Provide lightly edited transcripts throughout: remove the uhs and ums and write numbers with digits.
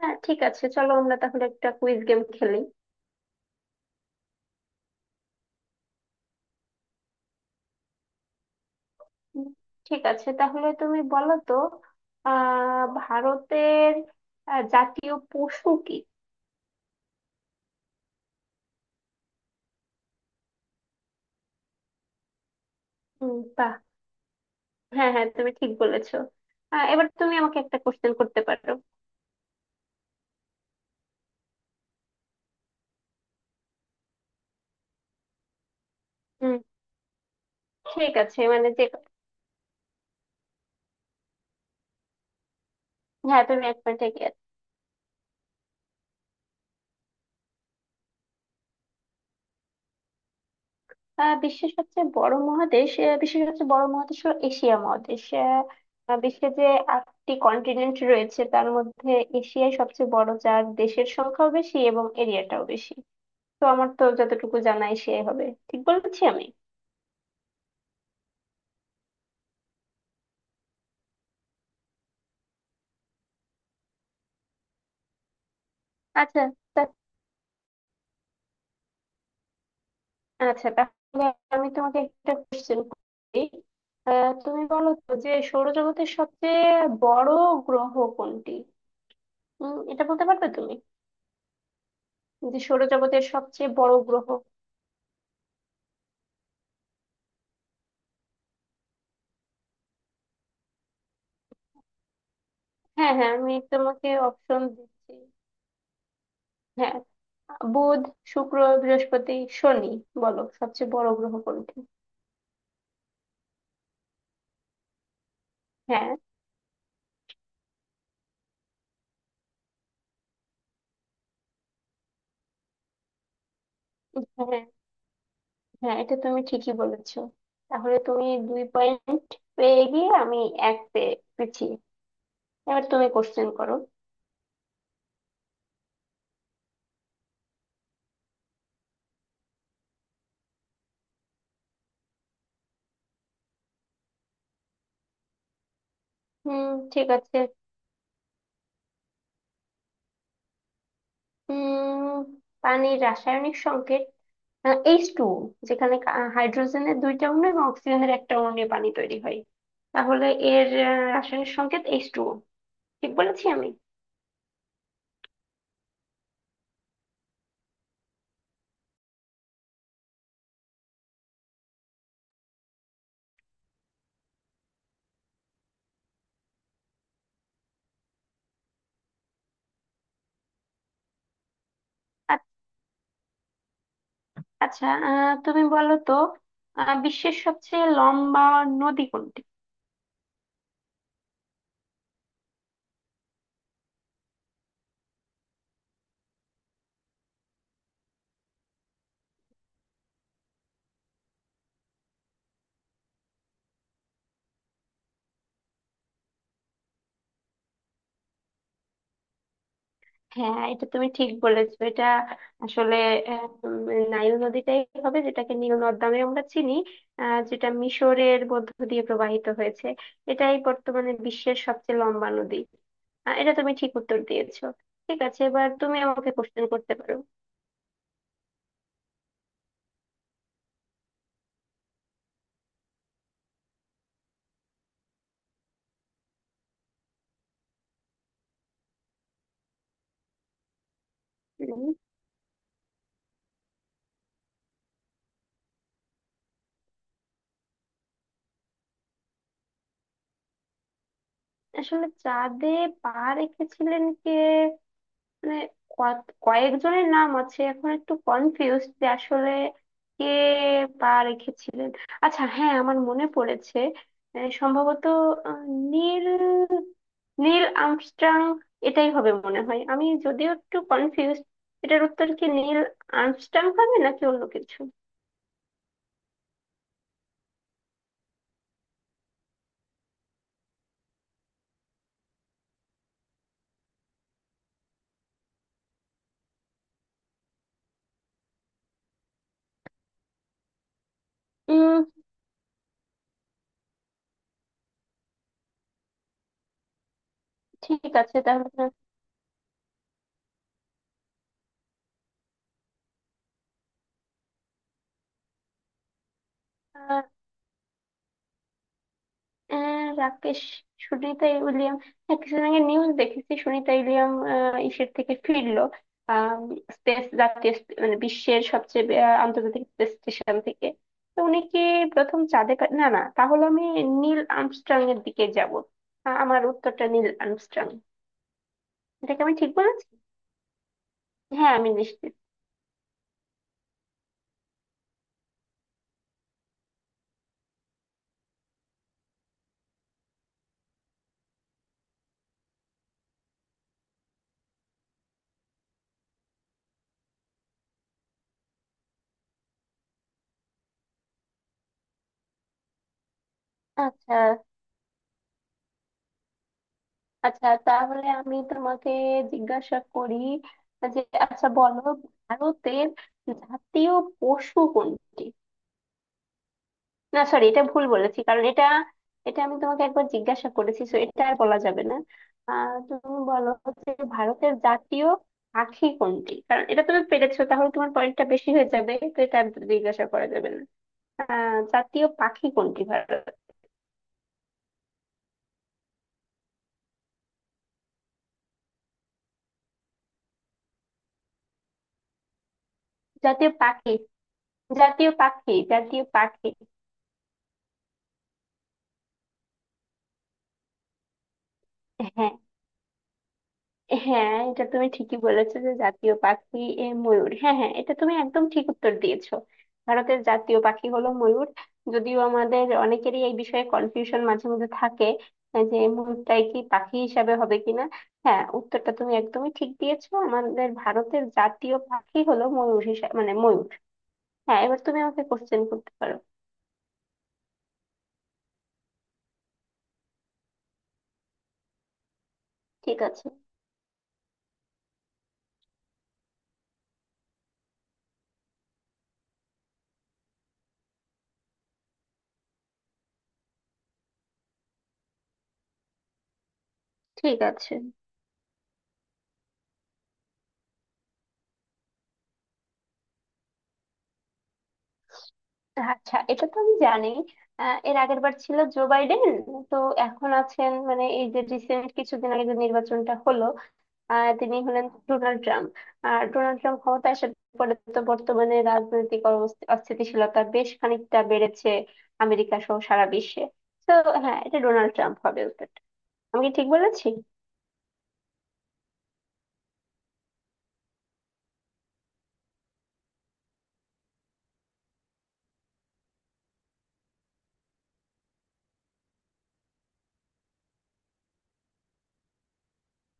হ্যাঁ, ঠিক আছে, চলো আমরা তাহলে একটা কুইজ গেম খেলি। উম, ঠিক আছে, তাহলে তুমি বলো তো ভারতের জাতীয় পশু কি? বাহ! হ্যাঁ হ্যাঁ, তুমি ঠিক বলেছো। এবার তুমি আমাকে একটা কোশ্চেন করতে পারো। হুম। ঠিক আছে, মানে যে হ্যাঁ তুমি 1 পয়েন্ট এগিয়ে আছো। বিশ্বের সবচেয়ে বড় মহাদেশ, বিশ্বের সবচেয়ে বড় মহাদেশ হলো এশিয়া মহাদেশ। আহ, আহ, বিশ্বে যে 8টি কন্টিনেন্ট রয়েছে তার মধ্যে এশিয়াই সবচেয়ে বড়, যার দেশের সংখ্যাও বেশি এবং এরিয়াটাও বেশি। তো আমার তো যতটুকু জানা এশিয়াই হবে। ঠিক বলেছি আমি? আচ্ছা। তা- আচ্ছা, তাহলে আমি তোমাকে একটা কোশ্চেন করি। তুমি বলো তো যে সৌরজগতের সবচেয়ে বড় গ্রহ কোনটি? এটা বলতে পারবে তুমি যে সৌরজগতের সবচেয়ে বড় গ্রহ? হ্যাঁ হ্যাঁ, আমি তোমাকে অপশন দিচ্ছি। হ্যাঁ, বুধ, শুক্র, বৃহস্পতি, শনি। বলো সবচেয়ে বড় গ্রহ কোনটি? হ্যাঁ। হ্যাঁ হ্যাঁ, এটা তুমি ঠিকই বলেছো। তাহলে তুমি 2 পয়েন্ট পেয়ে গিয়ে, আমি এক পেয়ে পিছিয়ে। এবার তুমি কোশ্চেন করো। হুম। ঠিক আছে। হুম। পানির রাসায়নিক সংকেত H₂, যেখানে হাইড্রোজেনের দুইটা অণু এবং অক্সিজেনের একটা অণু নিয়ে পানি তৈরি হয়। তাহলে এর রাসায়নিক সংকেত এইচ টু। ঠিক বলেছি আমি? আ- আচ্ছা। তুমি বলো তো বিশ্বের সবচেয়ে লম্বা নদী কোনটি? হ্যাঁ, এটা তুমি ঠিক বলেছো। এটা আসলে আহ, উম, নাইল নদীটাই হবে, যেটাকে নীল নদ নামে আমরা চিনি, যেটা মিশরের মধ্য দিয়ে প্রবাহিত হয়েছে। এটাই বর্তমানে বিশ্বের সবচেয়ে লম্বা নদী। এটা তুমি ঠিক উত্তর দিয়েছো। ঠিক আছে, এবার তুমি আমাকে কোশ্চেন করতে পারো। উম, আসলে চাঁদে পা রেখেছিলেন কে, মানে কয়েকজনের নাম আছে এখন একটু কনফিউজ যে আসলে কে পা রেখেছিলেন। আচ্ছা, হ্যাঁ আমার মনে পড়েছে। সম্ভবত আহ, নীল নীল আর্মস্ট্রং। এটাই হবে মনে হয়, আমি যদিও একটু কনফিউজ। এটার উত্তর কি নীল আর্মস্ট্রং হবে নাকি অন্য কিছু? উম ঠিক আছে, তাহলে রাকেশ, সুনিতা উইলিয়াম। হ্যাঁ, কিছুদিন আগে নিউজ দেখেছি সুনিতা উইলিয়াম ইসের থেকে ফিরলো, স্পেস জাতীয় মানে বিশ্বের সবচেয়ে আন্তর্জাতিক স্পেস স্টেশন থেকে। তো উনি কি প্রথম চাঁদে না না, তাহলে আমি নীল আর্মস্ট্রং এর দিকে যাব। আমার উত্তরটা নীল আর্মস্ট্রং। এটাকে আমি ঠিক বলেছি? হ্যাঁ, আমি নিশ্চিত। আচ্ছা। আচ্ছা তাহলে আমি তোমাকে জিজ্ঞাসা করি যে আচ্ছা বলো, ভারতের জাতীয় পশু কোনটি? না সরি, এটা ভুল বলেছি, কারণ এটা এটা আমি তোমাকে একবার জিজ্ঞাসা করেছি, তো এটা আর বলা যাবে না। তুমি বলো হচ্ছে ভারতের জাতীয় পাখি কোনটি, কারণ এটা তুমি পেরেছো তাহলে তোমার পয়েন্টটা বেশি হয়ে যাবে, তো এটা আর জিজ্ঞাসা করা যাবে না। জাতীয় পাখি কোনটি ভারত? জাতীয় পাখি। জাতীয় পাখি। হ্যাঁ হ্যাঁ, এটা তুমি ঠিকই বলেছো যে জাতীয় পাখি এ ময়ূর। হ্যাঁ হ্যাঁ, এটা তুমি একদম ঠিক উত্তর দিয়েছো। ভারতের জাতীয় পাখি হলো ময়ূর। যদিও আমাদের অনেকেরই এই বিষয়ে কনফিউশন মাঝে মধ্যে থাকে, যে ময়ূরটাই কি পাখি হিসাবে হবে কিনা। হ্যাঁ, উত্তরটা তুমি একদমই ঠিক দিয়েছো। আমাদের ভারতের জাতীয় পাখি হলো ময়ূর হিসাবে, মানে ময়ূর। হ্যাঁ, এবার তুমি আমাকে কোশ্চেন করতে পারো। ঠিক আছে। ঠিক আছে। আচ্ছা, এটা তো আমি জানি। এর আগের বার ছিল জো বাইডেন। তো এখন আছেন, মানে এই যে রিসেন্ট কিছুদিন আগে যে নির্বাচনটা হলো, তিনি হলেন ডোনাল্ড ট্রাম্প। আর ডোনাল্ড ট্রাম্প ক্ষমতায় আসার পরে তো বর্তমানে রাজনৈতিক অস্থিতিশীলতা বেশ খানিকটা বেড়েছে আমেরিকা সহ সারা বিশ্বে। তো হ্যাঁ, এটা ডোনাল্ড ট্রাম্প হবে উত্তরটা। আমি কি ঠিক বলেছি?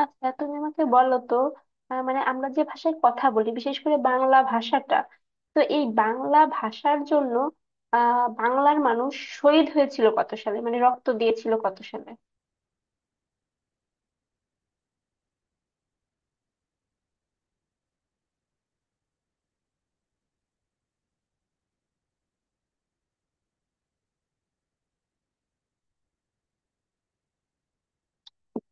আচ্ছা, তুমি আমাকে বলো তো মানে আমরা যে ভাষায় কথা বলি, বিশেষ করে বাংলা ভাষাটা, তো এই বাংলা ভাষার জন্য বাংলার মানুষ শহীদ হয়েছিল কত সালে, মানে রক্ত দিয়েছিল কত সালে?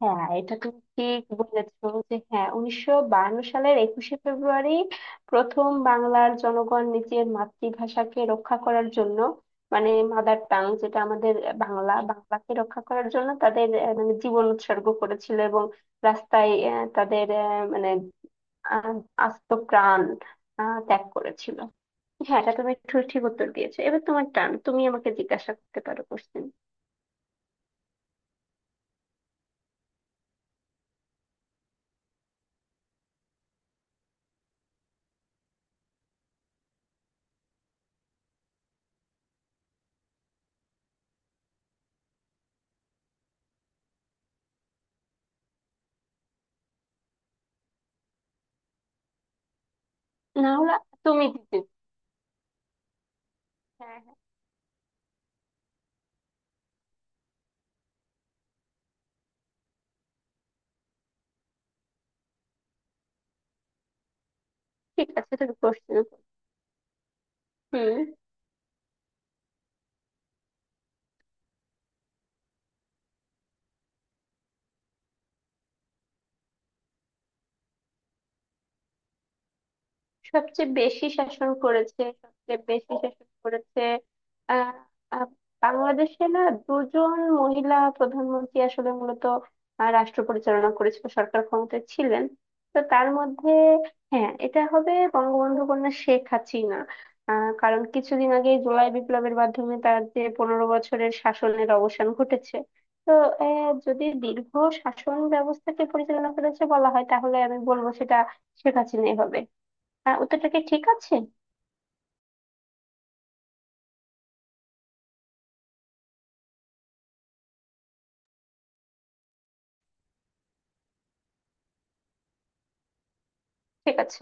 হ্যাঁ, এটা তুমি ঠিক বলেছো যে, হ্যাঁ 1952 সালের 21শে ফেব্রুয়ারি প্রথম বাংলার জনগণ নিজের মাতৃভাষাকে রক্ষা করার জন্য, মানে মাদার টাং যেটা আমাদের বাংলা, বাংলাকে রক্ষা করার জন্য তাদের মানে জীবন উৎসর্গ করেছিল এবং রাস্তায় তাদের মানে আহ, আস্ত প্রাণ ত্যাগ করেছিল। হ্যাঁ, এটা তুমি ঠিক ঠিক উত্তর দিয়েছো। এবার তোমার টান, তুমি আমাকে জিজ্ঞাসা করতে পারো কোশ্চেন। না হলে তুমি দিতে। হ্যাঁ হ্যাঁ। ঠিক আছে, তুমি কোশ্চেন। হুম। সবচেয়ে বেশি শাসন করেছে। আহ আহ, বাংলাদেশে না দুজন মহিলা প্রধানমন্ত্রী আসলে মূলত রাষ্ট্র পরিচালনা করেছিল, সরকার ক্ষমতায় ছিলেন। তো তার মধ্যে হ্যাঁ, এটা হবে বঙ্গবন্ধু কন্যা শেখ হাসিনা। কারণ কিছুদিন আগে জুলাই বিপ্লবের মাধ্যমে তার যে 15 বছরের শাসনের অবসান ঘটেছে। তো যদি দীর্ঘ শাসন ব্যবস্থাকে পরিচালনা করেছে বলা হয়, তাহলে আমি বলবো সেটা শেখ হাসিনাই হবে। হ্যাঁ, ওটা কি ঠিক আছে? ঠিক আছে।